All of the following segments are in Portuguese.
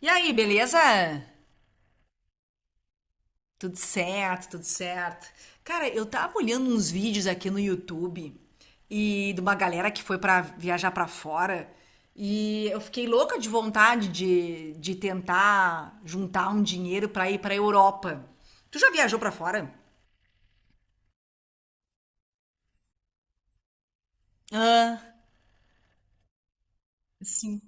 E aí, beleza? Tudo certo, tudo certo. Cara, eu tava olhando uns vídeos aqui no YouTube e de uma galera que foi pra viajar pra fora e eu fiquei louca de vontade de tentar juntar um dinheiro pra ir pra Europa. Tu já viajou pra fora? Ah. Sim.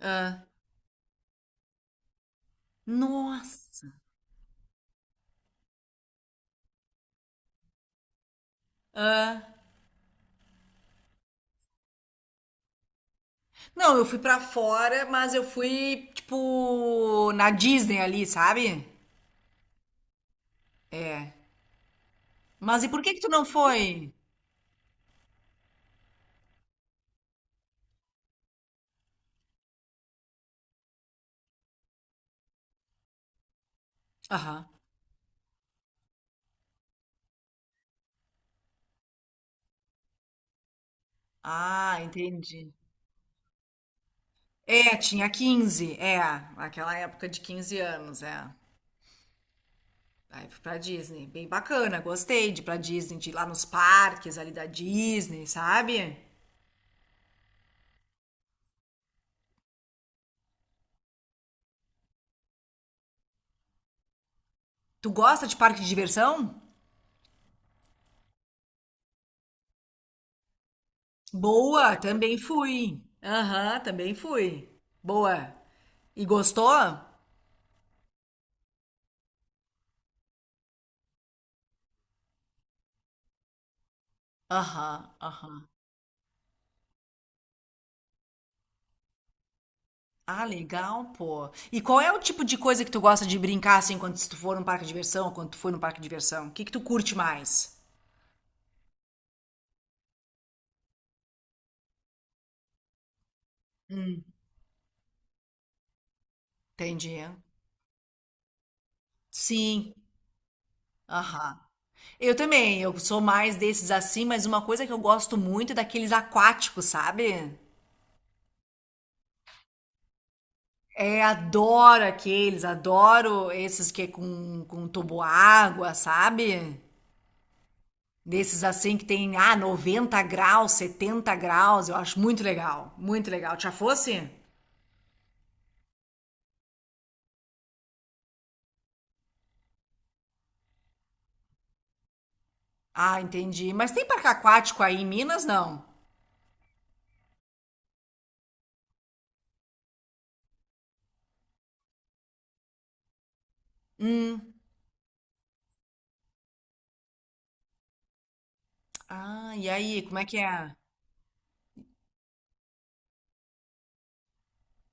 ah, Nossa. Ah. Não, eu fui pra fora, mas eu fui tipo na Disney ali, sabe? É. Mas e por que que tu não foi? Aham. Ah, entendi. É, tinha 15 é, aquela época de 15 anos, é. Aí fui pra Disney, bem bacana, gostei de ir pra Disney, de ir lá nos parques ali da Disney, sabe? Tu gosta de parque de diversão? Boa, também fui. Aham, também fui. Boa. E gostou? Aham, aham. Ah, legal, pô. E qual é o tipo de coisa que tu gosta de brincar assim quando se tu for num parque de diversão, quando tu foi num parque de diversão? O que que tu curte mais? Entendi. Sim. Aham. Eu também, eu sou mais desses assim, mas uma coisa que eu gosto muito é daqueles aquáticos, sabe? É, adoro aqueles, adoro esses que é com água, sabe? Desses assim que tem, 90 graus, 70 graus, eu acho muito legal, muito legal. Já fosse? Ah, entendi. Mas tem parque aquático aí em Minas, não? Ah, e aí, como é que é?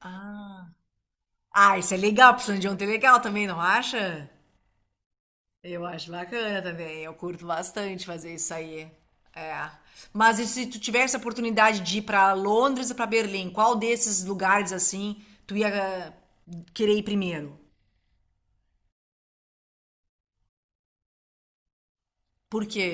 Ah, ah, isso é legal, precisando de um ter legal também, não acha? Eu acho bacana também, eu curto bastante fazer isso aí. É. Mas e se tu tivesse a oportunidade de ir para Londres e para Berlim, qual desses lugares assim tu ia querer ir primeiro? Por quê?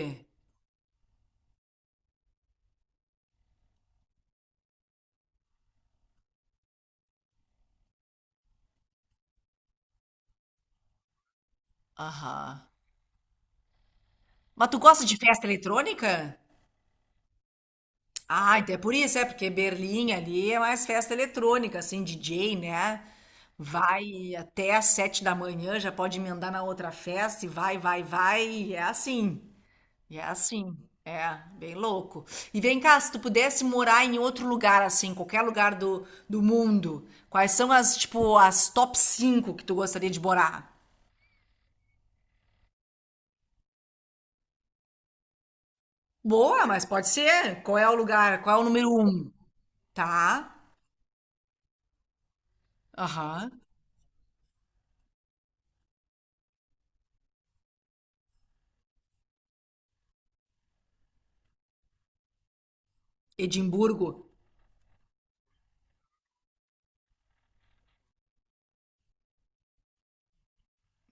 Aham. Mas tu gosta de festa eletrônica? Ah, então é por isso, é porque Berlim ali é mais festa eletrônica, assim, DJ, né? Vai até às 7 da manhã, já pode emendar na outra festa e vai, vai, vai, e é assim. E é assim, é, bem louco. E vem cá, se tu pudesse morar em outro lugar, assim, qualquer lugar do mundo, quais são as, tipo, as top 5 que tu gostaria de morar? Boa, mas pode ser. Qual é o lugar? Qual é o número um? Tá. Aham. Edimburgo.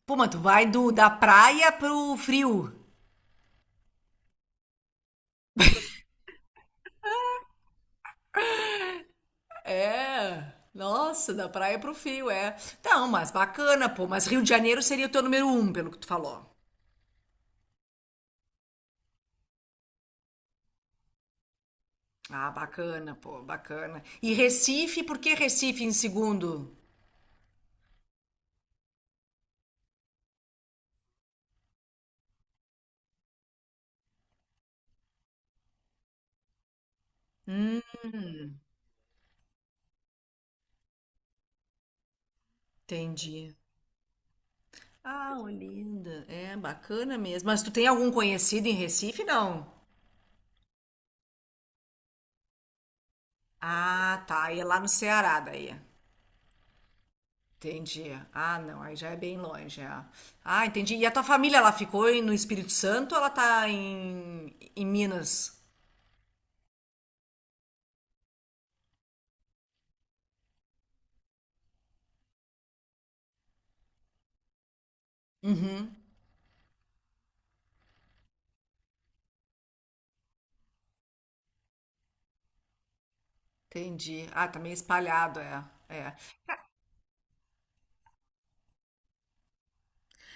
Pô, mas tu vai do, da praia pro frio. É. Nossa, da praia pro frio, é. Não, mas bacana, pô. Mas Rio de Janeiro seria o teu número um pelo que tu falou. Ah, bacana, pô, bacana. E Recife, por que Recife em segundo? Hum, entendi. Ah, Olinda, é bacana mesmo. Mas tu tem algum conhecido em Recife, não? Ah, tá, e é lá no Ceará daí. Entendi. Ah, não, aí já é bem longe, é. Ah, entendi. E a tua família, ela ficou no Espírito Santo ou ela tá em Minas? Entendi. Ah, tá meio espalhado, é. É.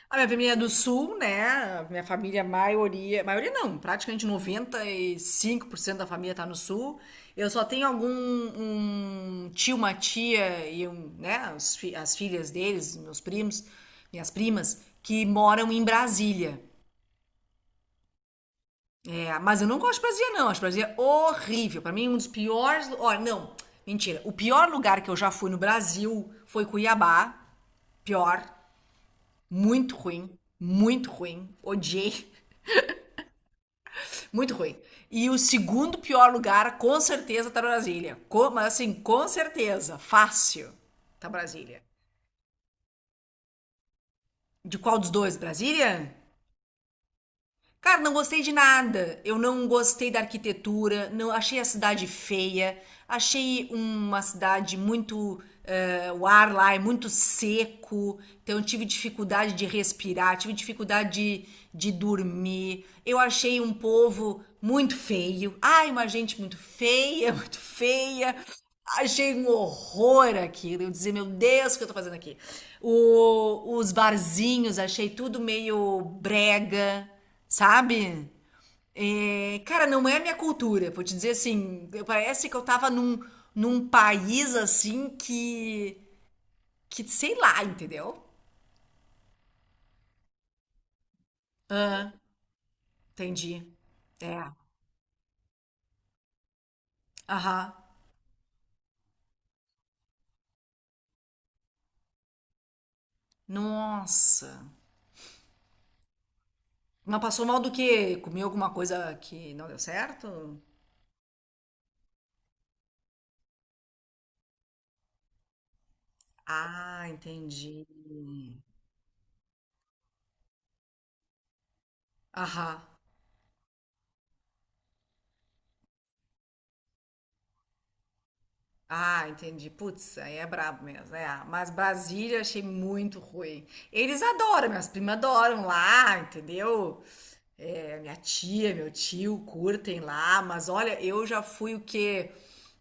A minha família é do sul, né? Minha família, a maioria, maioria não, praticamente 95% da família tá no sul. Eu só tenho algum um tio, uma tia e um, né, as filhas deles, meus primos, minhas primas, que moram em Brasília. É, mas eu não gosto de Brasília, não. Acho Brasília horrível. Pra mim, um dos piores. Ó, não, mentira. O pior lugar que eu já fui no Brasil foi Cuiabá. Pior, muito ruim, muito ruim. Odiei. Muito ruim. E o segundo pior lugar, com certeza, tá Brasília. Mas assim, com certeza. Fácil. Tá Brasília. De qual dos dois? Brasília? Cara, não gostei de nada. Eu não gostei da arquitetura, não achei a cidade feia, achei uma cidade muito o ar lá é muito seco, então eu tive dificuldade de respirar, tive dificuldade de dormir. Eu achei um povo muito feio. Ai, uma gente muito feia, muito feia. Achei um horror aquilo. Eu dizia, meu Deus, o que eu tô fazendo aqui? Os barzinhos, achei tudo meio brega. Sabe? É, cara, não é a minha cultura. Vou te dizer assim, parece que eu tava num país assim que sei lá, entendeu? Ah, entendi. É. Aham. Nossa. Mas passou mal do quê? Comeu alguma coisa que não deu certo? Ah, entendi. Aham. Ah, entendi. Putz, aí é brabo mesmo. É. Mas Brasília achei muito ruim. Eles adoram, minhas primas adoram lá, entendeu? É, minha tia, meu tio curtem lá, mas olha, eu já fui o quê?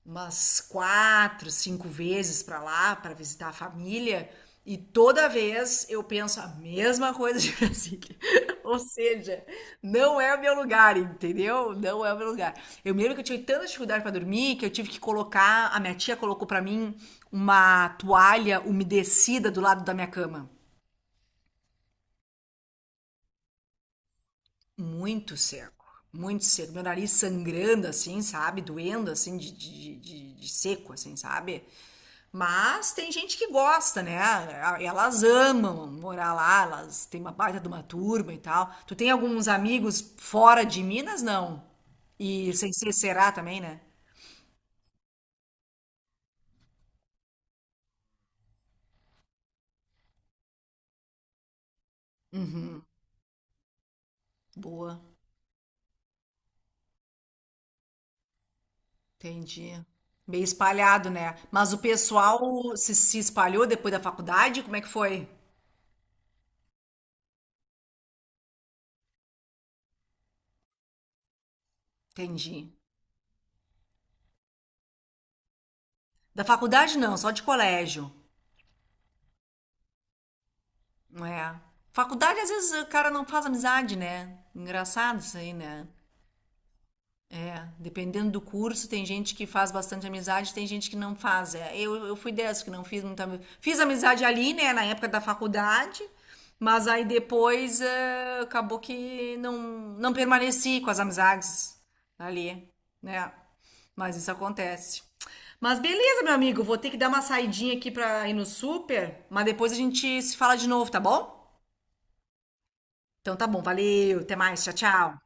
Umas quatro, cinco vezes pra lá, pra visitar a família, e toda vez eu penso a mesma coisa de Brasília. Ou seja, não é o meu lugar, entendeu? Não é o meu lugar. Eu me lembro que eu tive tanta dificuldade pra dormir que eu tive que colocar, a minha tia colocou pra mim uma toalha umedecida do lado da minha cama. Muito seco, muito seco. Meu nariz sangrando, assim, sabe? Doendo, assim, de seco, assim, sabe? Mas tem gente que gosta, né? Elas amam morar lá, elas têm uma baita de uma turma e tal. Tu tem alguns amigos fora de Minas, não? E sem ser Ceará também, né? Boa, entendi. Bem espalhado, né? Mas o pessoal se espalhou depois da faculdade? Como é que foi? Entendi. Da faculdade não, só de colégio. É. Faculdade, às vezes, o cara não faz amizade, né? Engraçado isso aí, né? É, dependendo do curso, tem gente que faz bastante amizade, tem gente que não faz. É, eu fui dessa que não fiz muita. Fiz amizade ali, né, na época da faculdade, mas aí depois é, acabou que não permaneci com as amizades ali, né? Mas isso acontece. Mas beleza, meu amigo, vou ter que dar uma saidinha aqui pra ir no super, mas depois a gente se fala de novo, tá bom? Então tá bom, valeu, até mais, tchau, tchau.